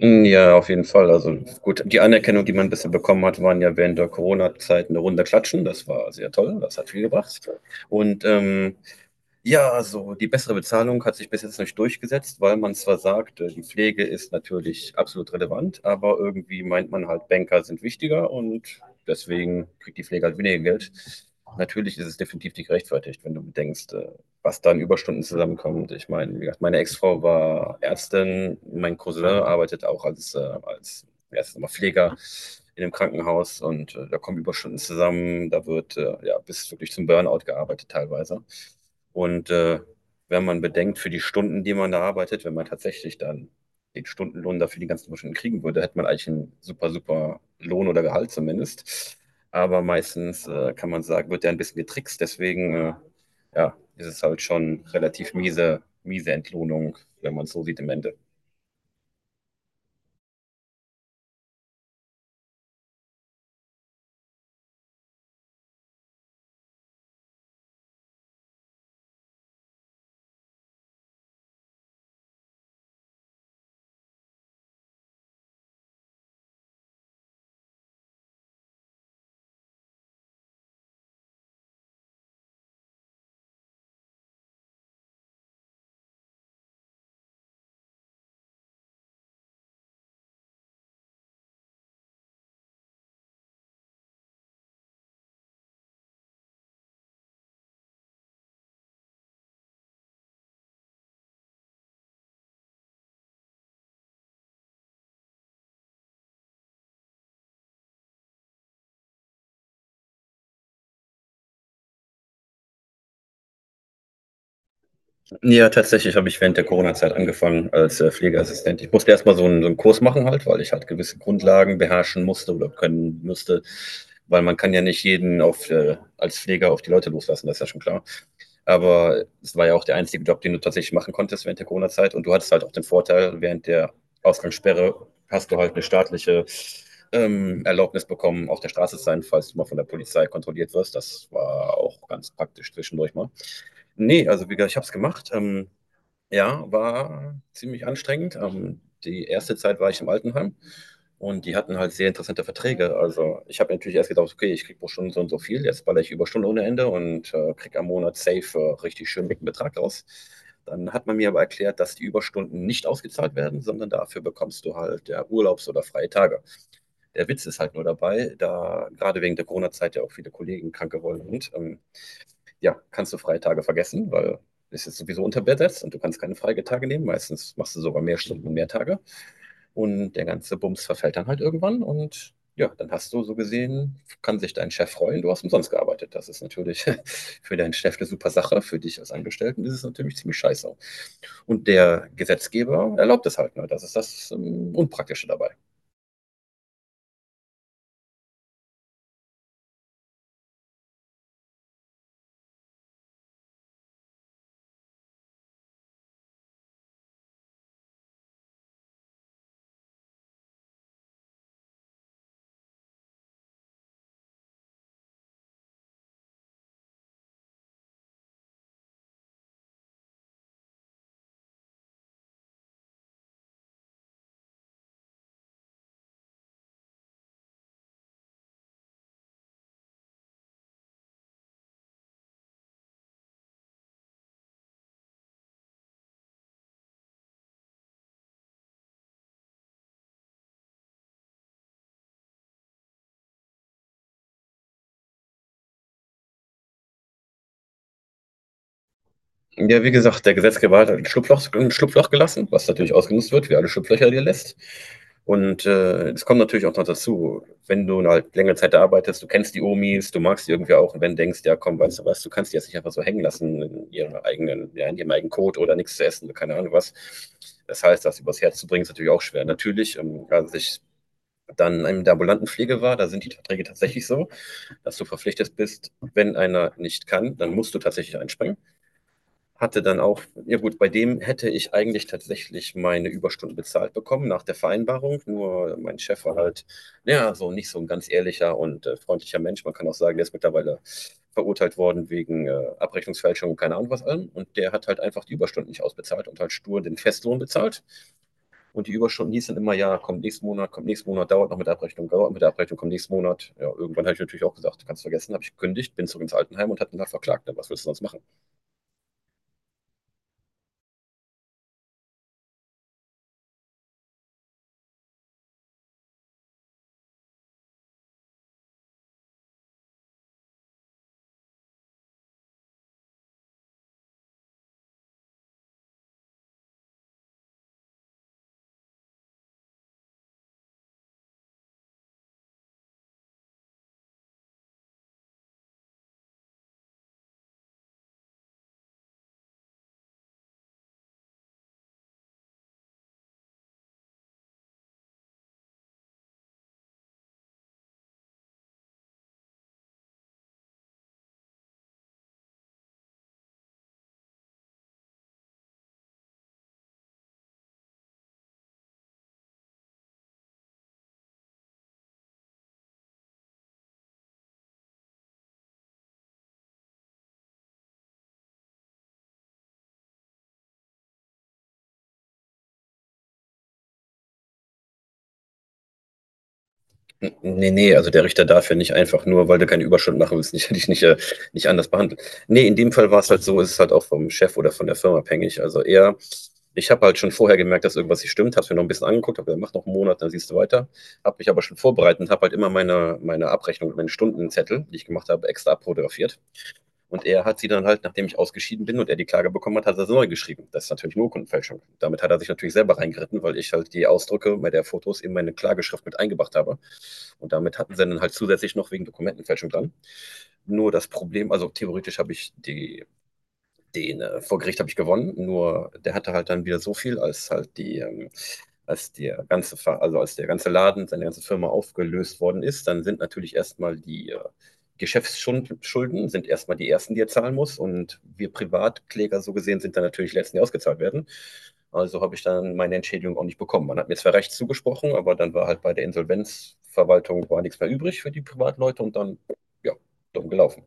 Hm, ja, auf jeden Fall. Also gut, die Anerkennung, die man bisher bekommen hat, waren ja während der Corona-Zeit eine Runde klatschen. Das war sehr toll, das hat viel gebracht. Und ähm, ja, also die bessere Bezahlung hat sich bis jetzt nicht durchgesetzt, weil man zwar sagt, die Pflege ist natürlich absolut relevant, aber irgendwie meint man halt, Banker sind wichtiger und deswegen kriegt die Pflege halt weniger Geld. Natürlich ist es definitiv nicht gerechtfertigt, wenn du bedenkst, was da an Überstunden zusammenkommt. Ich meine, wie gesagt, meine Ex-Frau war Ärztin, mein Cousin arbeitet auch als, als wie heißt das nochmal, Pfleger in einem Krankenhaus und da kommen Überstunden zusammen, da wird ja bis wirklich zum Burnout gearbeitet teilweise. Und äh, wenn man bedenkt, für die Stunden, die man da arbeitet, wenn man tatsächlich dann den Stundenlohn dafür die ganzen Stunden kriegen würde, hätte man eigentlich einen super, super Lohn oder Gehalt zumindest. Aber meistens kann man sagen, wird der ein bisschen getrickst. Deswegen ja, ist es halt schon relativ miese, miese Entlohnung, wenn man es so sieht im Endeffekt. Ja, tatsächlich habe ich während der Corona-Zeit angefangen als Pflegeassistent. Ich musste erstmal so einen Kurs machen halt, weil ich halt gewisse Grundlagen beherrschen musste oder können müsste, weil man kann ja nicht jeden auf, als Pfleger auf die Leute loslassen, das ist ja schon klar. Aber es war ja auch der einzige Job, den du tatsächlich machen konntest während der Corona-Zeit und du hattest halt auch den Vorteil, während der Ausgangssperre hast du halt eine staatliche Erlaubnis bekommen, auf der Straße zu sein, falls du mal von der Polizei kontrolliert wirst. Das war auch ganz praktisch zwischendurch mal. Ne, also wie gesagt, ich habe es gemacht. Ja, war ziemlich anstrengend. Die erste Zeit war ich im Altenheim und die hatten halt sehr interessante Verträge. Also, ich habe natürlich erst gedacht: „Okay, ich kriege pro Stunde so und so viel, jetzt ballere ich Überstunden ohne Ende und, kriege am Monat safe, richtig schön dicken Betrag raus.“ Dann hat man mir aber erklärt, dass die Überstunden nicht ausgezahlt werden, sondern dafür bekommst du halt, ja, Urlaubs oder freie Tage. Der Witz ist halt nur dabei, da grade wegen der Corona-Zeit ja auch viele Kollegen krank geworden sind, ja, kannst du Freitage vergessen, weil es ist sowieso unterbesetzt und du kannst keine Freitage nehmen. Meistens machst du sogar mehr Stunden und mehr Tage. Und der ganze Bums verfällt dann halt irgendwann und ja, dann hast du so gesehen, kann sich dein Chef freuen, du hast umsonst gearbeitet. Das ist natürlich für deinen Chef eine super Sache, für dich als Angestellten ist es natürlich ziemlich scheiße. Und der Gesetzgeber erlaubt es halt, ne? Das ist das Unpraktische dabei. Ja, wie gesagt, der Gesetzgeber hat halt ein Schlupfloch gelassen, was natürlich ausgenutzt wird, wie alle Schlupflöcher, die er lässt. Es kommt natürlich auch noch dazu, wenn du halt längere Zeit da arbeitest, du kennst die Omis, du magst die irgendwie auch, und wenn du denkst, ja komm, weißt du was, du kannst die jetzt nicht einfach so hängen lassen in ihrem eigenen, ja, in ihrem eigenen Kot oder nichts zu essen, keine Ahnung was. Das heißt, das übers Herz zu bringen, ist natürlich auch schwer. Natürlich, als ich dann in der ambulanten Pflege war, da sind die Verträge tatsächlich so, dass du verpflichtet bist, wenn einer nicht kann, dann musst du tatsächlich einspringen. Hatte dann auch, ja gut, bei dem hätte ich eigentlich tatsächlich meine Überstunden bezahlt bekommen nach der Vereinbarung. Nur mein Chef war halt, ja, so nicht so ein ganz ehrlicher und freundlicher Mensch. Man kann auch sagen, der ist mittlerweile verurteilt worden wegen Abrechnungsfälschung und keine Ahnung was allem. Und der hat halt einfach die Überstunden nicht ausbezahlt und halt stur den Festlohn bezahlt. Und die Überstunden hießen immer, ja, kommt nächsten Monat, dauert noch mit der Abrechnung, dauert mit der Abrechnung, kommt nächsten Monat. Ja, irgendwann habe ich natürlich auch gesagt, kannst vergessen, habe ich gekündigt, bin zurück ins Altenheim und hatte ihn da verklagt. Was willst du sonst machen? Nee, nee, also der Richter darf ja nicht einfach nur, weil du keine Überstunden machen willst, nicht, dich nicht, nicht anders behandeln. Nee, in dem Fall war es halt so, ist es halt auch vom Chef oder von der Firma abhängig. Also eher, ich habe halt schon vorher gemerkt, dass irgendwas nicht stimmt, habe es mir noch ein bisschen angeguckt, habe gesagt, mach noch einen Monat, dann siehst du weiter. Habe mich aber schon vorbereitet und habe halt immer meine Abrechnung, meine Stundenzettel, die ich gemacht habe, extra abfotografiert. Und er hat sie dann halt, nachdem ich ausgeschieden bin und er die Klage bekommen hat, hat er sie neu geschrieben. Das ist natürlich eine Urkundenfälschung. Damit hat er sich natürlich selber reingeritten, weil ich halt die Ausdrücke bei der Fotos in meine Klageschrift mit eingebracht habe. Und damit hatten sie dann halt zusätzlich noch wegen Dokumentenfälschung dran. Nur das Problem, also theoretisch habe ich die den vor Gericht habe ich gewonnen, nur der hatte halt dann wieder so viel, als halt die, als also als der ganze Laden, seine ganze Firma aufgelöst worden ist, dann sind natürlich erstmal die Geschäftsschulden sind erstmal die ersten, die er zahlen muss. Und wir Privatkläger so gesehen sind dann natürlich die letzten, die ausgezahlt werden. Also habe ich dann meine Entschädigung auch nicht bekommen. Man hat mir zwar recht zugesprochen, aber dann war halt bei der Insolvenzverwaltung war nichts mehr übrig für die Privatleute und dann, ja, dumm gelaufen.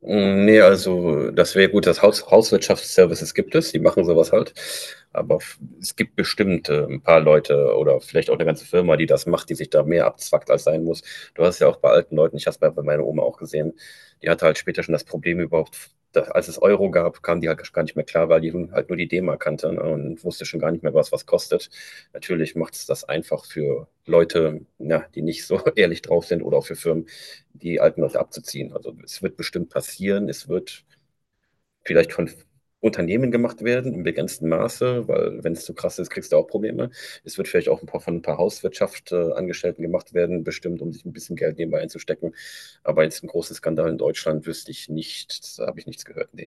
Mm, nee, also das wäre gut, das Hauswirtschaftsservices gibt es, die machen sowas halt. Aber es gibt bestimmt ein paar Leute oder vielleicht auch eine ganze Firma, die das macht, die sich da mehr abzwackt, als sein muss. Du hast es ja auch bei alten Leuten, ich habe es bei meiner Oma auch gesehen, die hatte halt später schon das Problem überhaupt, dass, als es Euro gab, kam die halt gar nicht mehr klar, weil die nun halt nur die D-Mark kannte, ne, und wusste schon gar nicht mehr, was was kostet. Natürlich macht es das einfach für Leute, ja, die nicht so ehrlich drauf sind oder auch für Firmen die alten Leute abzuziehen. Also es wird bestimmt passieren, es wird vielleicht von Unternehmen gemacht werden im begrenzten Maße, weil wenn es zu krass ist, kriegst du auch Probleme. Es wird vielleicht auch ein paar, von ein paar Hauswirtschaftsangestellten gemacht werden, bestimmt, um sich ein bisschen Geld nebenbei einzustecken. Aber jetzt ein großen Skandal in Deutschland wüsste ich nicht, da habe ich nichts gehört in